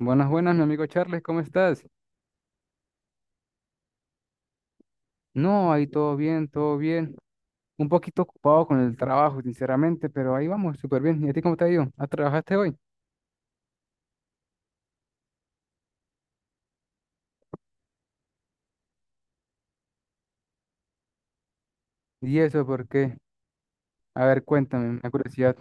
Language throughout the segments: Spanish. Buenas, buenas, mi amigo Charles, ¿cómo estás? No, ahí todo bien, todo bien. Un poquito ocupado con el trabajo, sinceramente, pero ahí vamos, súper bien. ¿Y a ti cómo te ha ido? ¿Ah, trabajaste hoy? ¿Y eso por qué? A ver, cuéntame, me da curiosidad.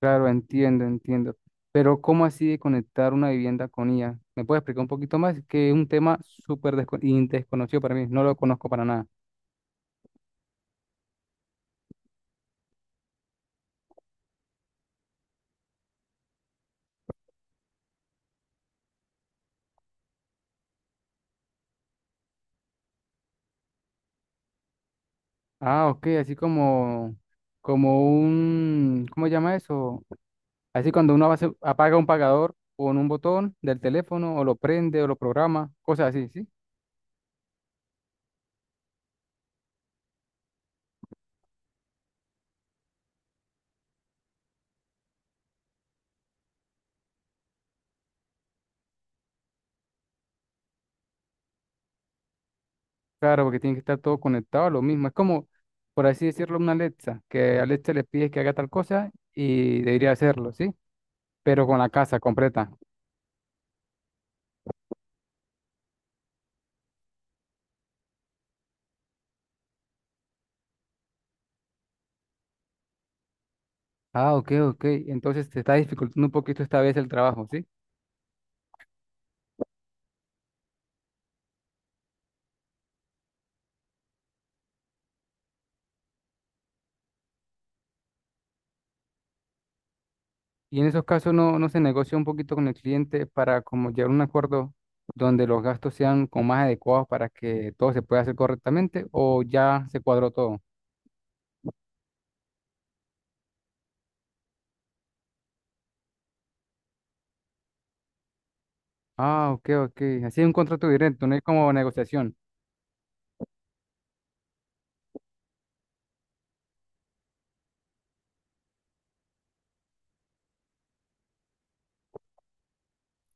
Claro, entiendo, entiendo. Pero ¿cómo así de conectar una vivienda con IA? ¿Me puedes explicar un poquito más? Que es un tema súper desconocido para mí, no lo conozco para nada. Ah, ok, así como, como un, ¿cómo se llama eso? Así cuando uno apaga un pagador con un botón del teléfono o lo prende o lo programa, cosas así, ¿sí? Claro, porque tiene que estar todo conectado a lo mismo. Es como, por así decirlo, una Alexa, que Alexa le pide que haga tal cosa y debería hacerlo, ¿sí? Pero con la casa completa. Ah, ok, ok. Entonces te está dificultando un poquito esta vez el trabajo, ¿sí? Y en esos casos no, no se negocia un poquito con el cliente para como llegar a un acuerdo donde los gastos sean como más adecuados para que todo se pueda hacer correctamente o ya se cuadró todo. Ah, ok, ok. Así es un contrato directo, no es como negociación.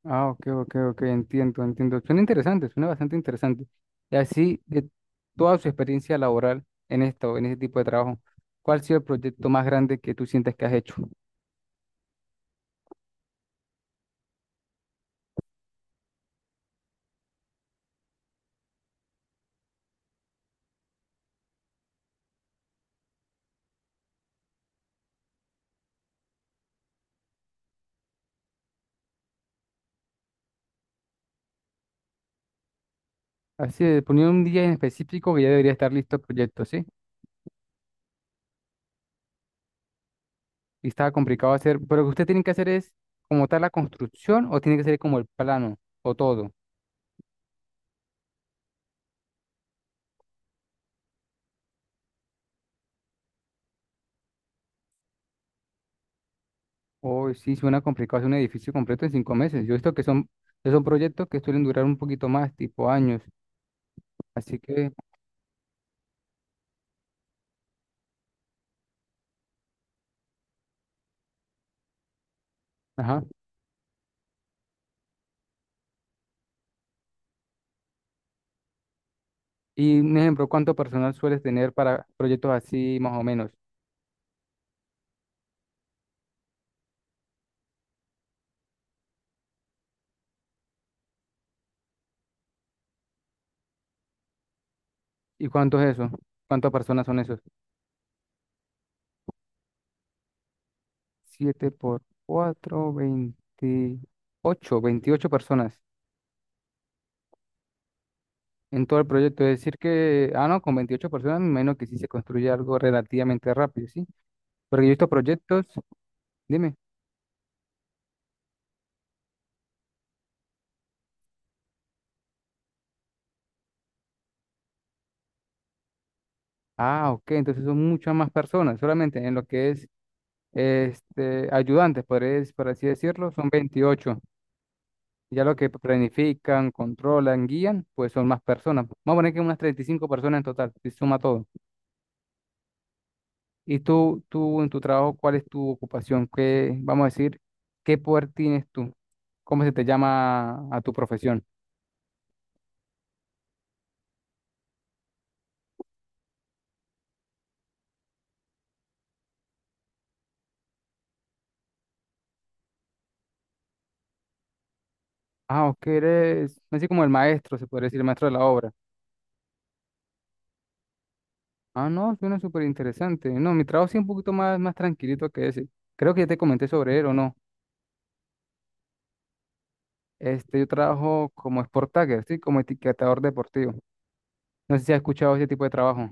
Ah, ok, ok, ok, entiendo, entiendo. Suena interesante, suena bastante interesante. Y así, de toda su experiencia laboral en esto, en este tipo de trabajo, ¿cuál ha sido el proyecto más grande que tú sientes que has hecho? Así, de poniendo un día en específico que ya debería estar listo el proyecto, ¿sí? Y estaba complicado hacer, pero lo que usted tiene que hacer es como tal la construcción o tiene que ser como el plano o todo. Hoy sí, suena complicado hacer un edificio completo en 5 meses. Yo he visto que que son proyectos que suelen durar un poquito más, tipo años. Así que, ajá. Y un ejemplo, ¿cuánto personal sueles tener para proyectos así más o menos? ¿Y cuánto es eso? ¿Cuántas personas son esos? Siete por cuatro, 28, 28 personas en todo el proyecto. Es decir que, ah, no, con 28 personas, me imagino que sí se construye algo relativamente rápido, ¿sí? Porque yo he visto proyectos, dime. Ah, ok, entonces son muchas más personas, solamente en lo que es este, ayudantes, podría- por así decirlo, son 28. Ya lo que planifican, controlan, guían, pues son más personas. Vamos a poner que unas 35 personas en total, si suma todo. Y tú en tu trabajo, ¿cuál es tu ocupación? ¿Qué, vamos a decir, qué poder tienes tú? ¿Cómo se te llama a tu profesión? Ah, ok, eres así como el maestro, se podría decir, el maestro de la obra. Ah, no, suena súper interesante. No, mi trabajo sí es un poquito más, más tranquilito que ese. Creo que ya te comenté sobre él o no. Este, yo trabajo como sport tagger, ¿sí? Como etiquetador deportivo. No sé si has escuchado ese tipo de trabajo.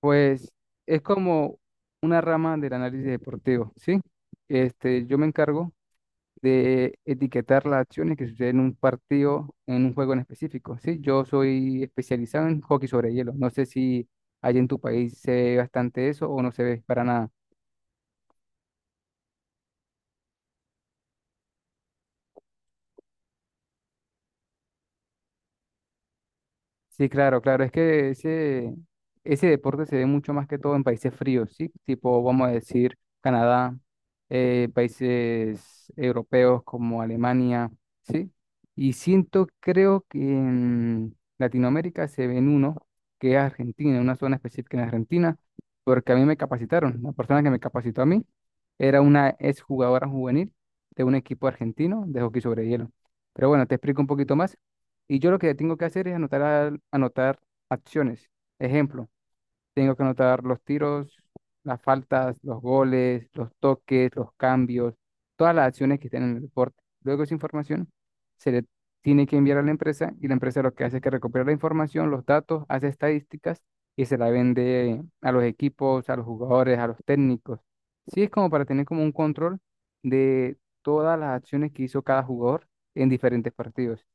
Pues es como una rama del análisis deportivo, ¿sí? Este, yo me encargo de etiquetar las acciones que suceden en un partido, en un juego en específico, ¿sí? Yo soy especializado en hockey sobre hielo. No sé si allá en tu país se ve bastante eso o no se ve para nada. Sí, claro, claro. Es que ese deporte se ve mucho más que todo en países fríos, ¿sí? Tipo, vamos a decir, Canadá, países europeos como Alemania, ¿sí? Y siento, creo que en Latinoamérica se ven uno, que es Argentina, una zona específica en Argentina, porque a mí me capacitaron. La persona que me capacitó a mí era una exjugadora juvenil de un equipo argentino de hockey sobre hielo. Pero bueno, te explico un poquito más. Y yo lo que tengo que hacer es anotar acciones. Ejemplo, tengo que anotar los tiros, las faltas, los goles, los toques, los cambios, todas las acciones que estén en el deporte. Luego esa información se le tiene que enviar a la empresa y la empresa lo que hace es que recupera la información, los datos, hace estadísticas y se la vende a los equipos, a los jugadores, a los técnicos. Sí, es como para tener como un control de todas las acciones que hizo cada jugador en diferentes partidos.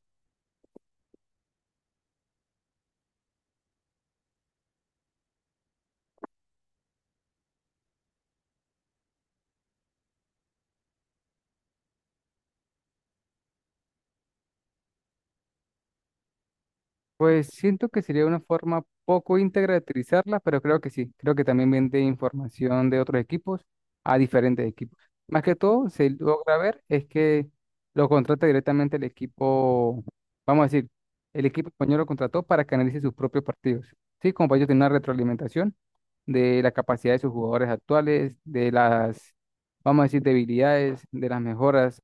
Pues siento que sería una forma poco íntegra de utilizarla, pero creo que sí. Creo que también vende información de otros equipos a diferentes equipos. Más que todo, se logra ver es que lo contrata directamente el equipo, vamos a decir, el equipo español lo contrató para que analice sus propios partidos. Sí, como para ellos tiene una retroalimentación de la capacidad de sus jugadores actuales, de las, vamos a decir, debilidades, de las mejoras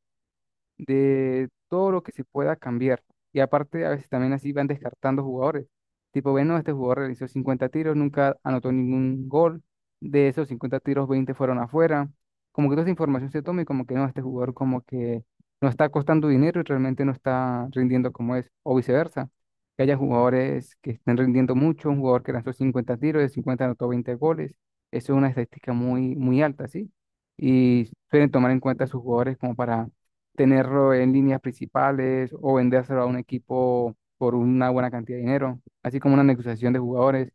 de todo lo que se pueda cambiar. Y aparte, a veces también así van descartando jugadores. Tipo, bueno, este jugador realizó 50 tiros, nunca anotó ningún gol. De esos 50 tiros, 20 fueron afuera. Como que toda esa información se toma y como que no, este jugador como que no está costando dinero y realmente no está rindiendo como es. O viceversa, que haya jugadores que estén rindiendo mucho, un jugador que lanzó 50 tiros, de 50 anotó 20 goles. Eso es una estadística muy, muy alta, ¿sí? Y suelen tomar en cuenta a sus jugadores como para tenerlo en líneas principales o vendérselo a un equipo por una buena cantidad de dinero, así como una negociación de jugadores.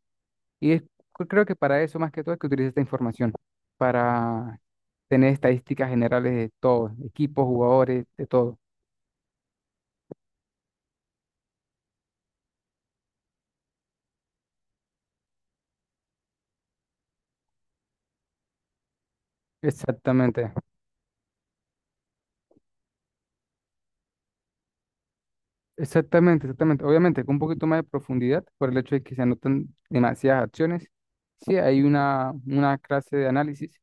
Y es- Creo que para eso más que todo es que utilice esta información, para tener estadísticas generales de todo, equipos, jugadores, de todo. Exactamente, exactamente, exactamente. Obviamente, con un poquito más de profundidad, por el hecho de que se anotan demasiadas acciones, sí hay una clase de análisis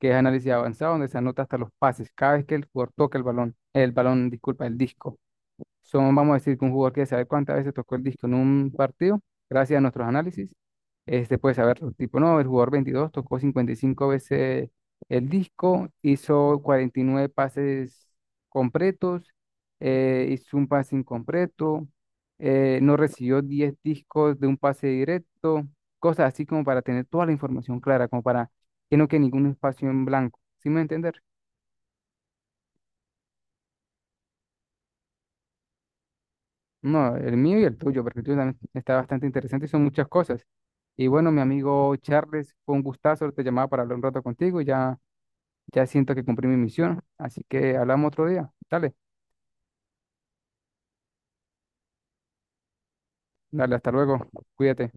que es análisis avanzado, donde se anota hasta los pases, cada vez que el jugador toca el balón, disculpa, el disco. Son, vamos a decir, que un jugador que sabe cuántas veces tocó el disco en un partido, gracias a nuestros análisis, este puede saber, tipo, no, el jugador 22 tocó 55 veces el disco, hizo 49 pases completos, hizo un pase incompleto, no recibió 10 discos de un pase directo, cosas así como para tener toda la información clara, como para que no quede ningún espacio en blanco. ¿Sí me entiendes? No, el mío y el tuyo, porque el tuyo también está bastante interesante y son muchas cosas. Y bueno, mi amigo Charles, fue un gustazo, te llamaba para hablar un rato contigo y ya, ya siento que cumplí mi misión. Así que hablamos otro día. Dale, dale, hasta luego. Cuídate.